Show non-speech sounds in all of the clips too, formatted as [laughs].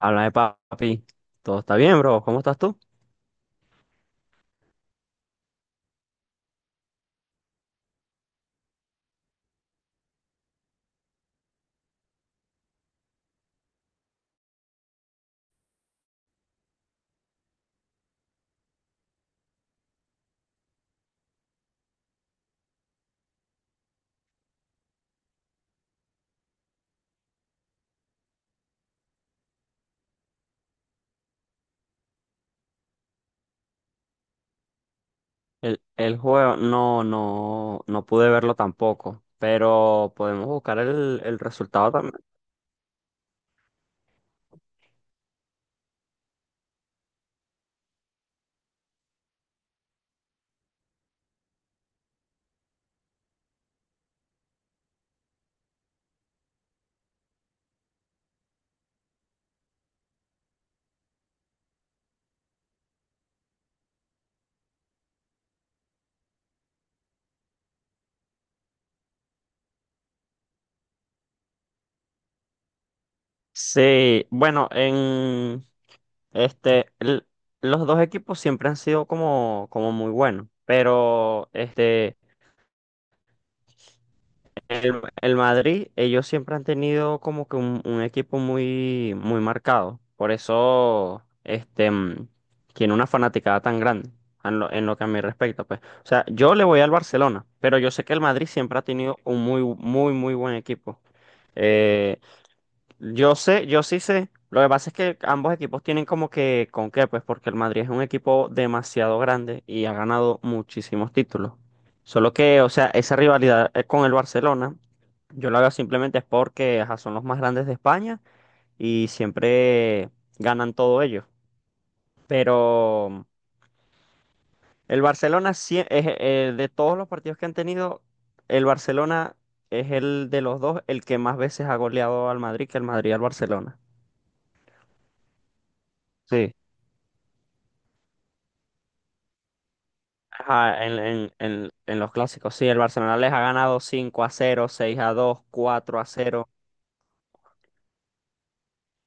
Háblame, papi. ¿Todo está bien, bro? ¿Cómo estás tú? El juego no, no, no pude verlo tampoco, pero podemos buscar el resultado también. Sí, bueno, en este, los dos equipos siempre han sido como muy buenos, pero este, el Madrid, ellos siempre han tenido como que un equipo muy, muy marcado. Por eso, este, tiene una fanaticada tan grande en lo que a mí respecta, pues. O sea, yo le voy al Barcelona, pero yo sé que el Madrid siempre ha tenido un muy, muy, muy buen equipo. Eh, yo sé, yo sí sé. Lo que pasa es que ambos equipos tienen como que con qué, pues porque el Madrid es un equipo demasiado grande y ha ganado muchísimos títulos. Solo que, o sea, esa rivalidad con el Barcelona, yo la veo simplemente es porque ajá, son los más grandes de España y siempre ganan todo ellos. Pero el Barcelona, es, de todos los partidos que han tenido, el Barcelona es el de los dos el que más veces ha goleado al Madrid que el Madrid al Barcelona. Sí. Ajá, en los clásicos, sí, el Barcelona les ha ganado 5-0, 6-2, 4-0.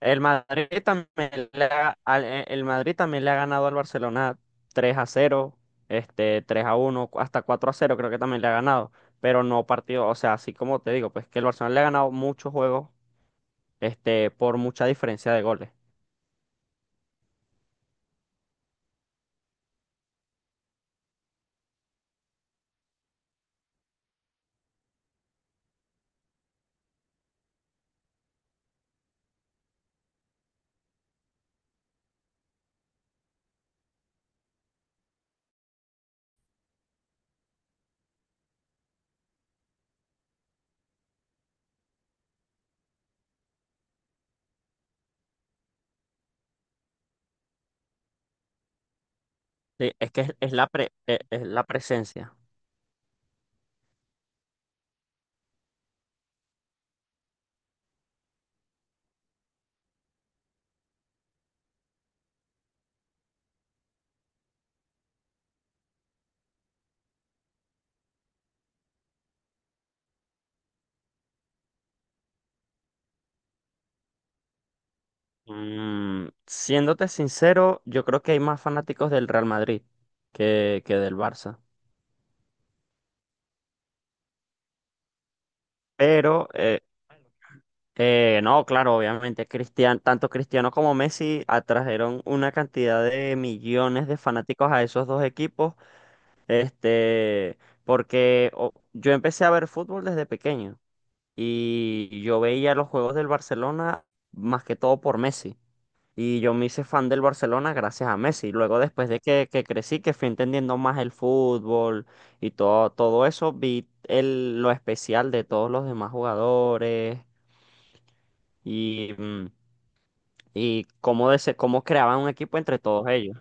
El Madrid también le ha ganado al Barcelona 3-0, este, 3-1, hasta 4-0, creo que también le ha ganado, pero no partido, o sea, así como te digo, pues que el Barcelona le ha ganado muchos juegos, este, por mucha diferencia de goles. Sí, es que es, es la presencia. Siéndote sincero, yo creo que hay más fanáticos del Real Madrid que del Barça. Pero, no, claro, obviamente, tanto Cristiano como Messi atrajeron una cantidad de millones de fanáticos a esos dos equipos, este, porque yo empecé a ver fútbol desde pequeño y yo veía los juegos del Barcelona más que todo por Messi. Y yo me hice fan del Barcelona gracias a Messi. Luego, después de que crecí, que fui entendiendo más el fútbol y todo, todo eso, vi el, lo especial de todos los demás jugadores y, y cómo creaban un equipo entre todos ellos.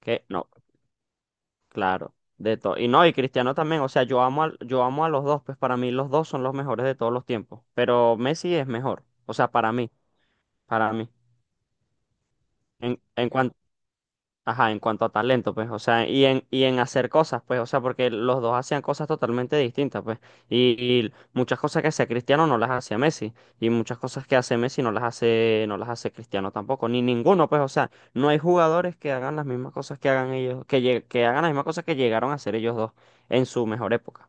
Que no, claro, de todo. Y no, y Cristiano también. O sea, yo amo a los dos, pues para mí los dos son los mejores de todos los tiempos. Pero Messi es mejor. O sea, para mí, para mí. En cuanto. Ajá, en cuanto a talento, pues, o sea, y en hacer cosas, pues, o sea, porque los dos hacían cosas totalmente distintas, pues, y, y muchas cosas que hacía Cristiano no las hacía Messi, y muchas cosas que hace Messi no las hace Cristiano tampoco, ni ninguno, pues, o sea, no hay jugadores que hagan las mismas cosas que hagan ellos, que hagan las mismas cosas que llegaron a hacer ellos dos en su mejor época.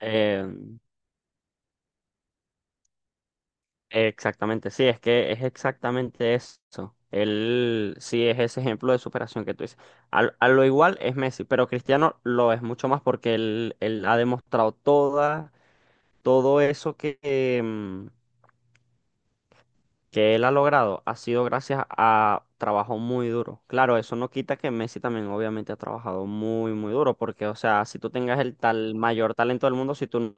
Em, Exactamente, sí, es que es exactamente eso. Él sí es ese ejemplo de superación que tú dices. Lo igual es Messi, pero Cristiano lo es mucho más porque él ha demostrado toda, todo eso que, que él ha logrado ha sido gracias a trabajo muy duro. Claro, eso no quita que Messi también obviamente ha trabajado muy, muy duro porque, o sea, si tú tengas el tal mayor talento del mundo, si tú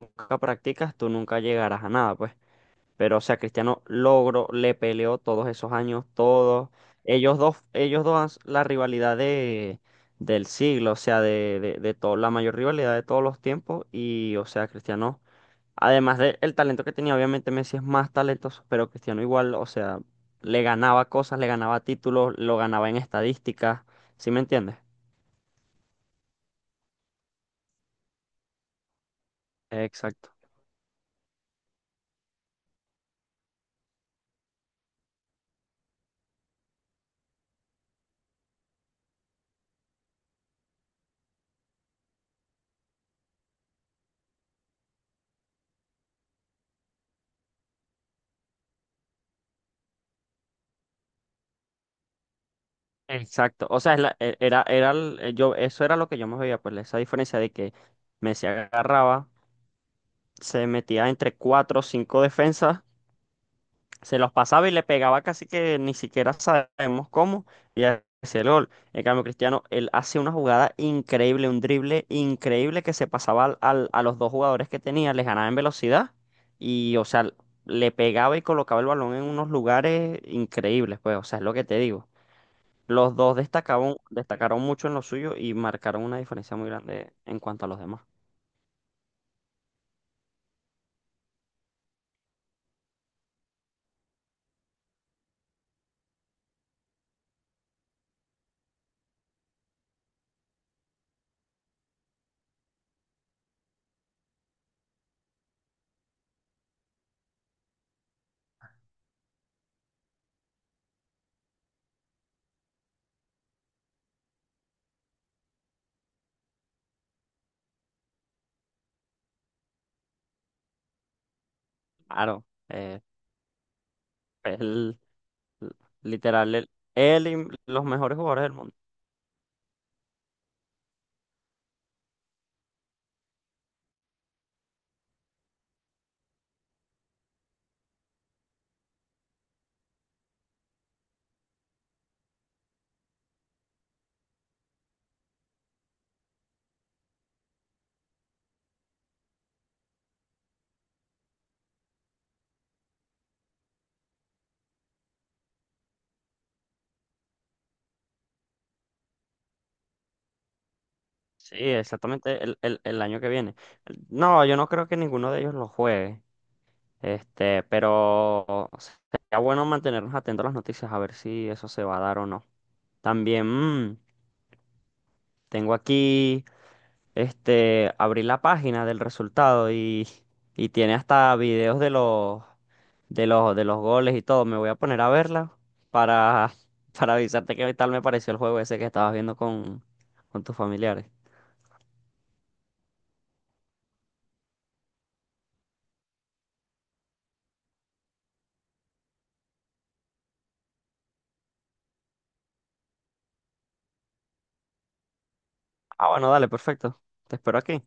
nunca practicas, tú nunca llegarás a nada, pues. Pero, o sea, Cristiano logró, le peleó todos esos años, todos. Ellos dos, la rivalidad del siglo, o sea, de todo, la mayor rivalidad de todos los tiempos. Y, o sea, Cristiano, además del talento que tenía, obviamente Messi es más talentoso, pero Cristiano igual, o sea, le ganaba cosas, le ganaba títulos, lo ganaba en estadísticas. ¿Sí me entiendes? Exacto. Exacto, o sea, es la- e- era, era, el- yo, eso era lo que yo me veía, pues esa diferencia de que Messi agarraba, se metía entre cuatro o cinco defensas, se los pasaba y le pegaba casi que ni siquiera sabemos cómo, y hacía el gol. En cambio, Cristiano, él hace una jugada increíble, un drible increíble que se pasaba a los dos jugadores que tenía, les ganaba en velocidad y, o sea, le pegaba y colocaba el balón en unos lugares increíbles, pues, o sea, es lo que te digo. Los dos destacaron, destacaron mucho en lo suyo y marcaron una diferencia muy grande en cuanto a los demás. Claro, eh, es L- Literal, él y los mejores jugadores del mundo. Sí, exactamente el año que viene. No, yo no creo que ninguno de ellos lo juegue. Este, pero sería bueno mantenernos atentos a las noticias, a ver si eso se va a dar o no. También tengo aquí. Este, abrí la página del resultado y tiene hasta videos de los, de los goles y todo. Me voy a poner a verla para, [laughs] para avisarte qué tal me pareció el juego ese que estabas viendo con tus familiares. Ah, bueno, dale, perfecto. Te espero aquí.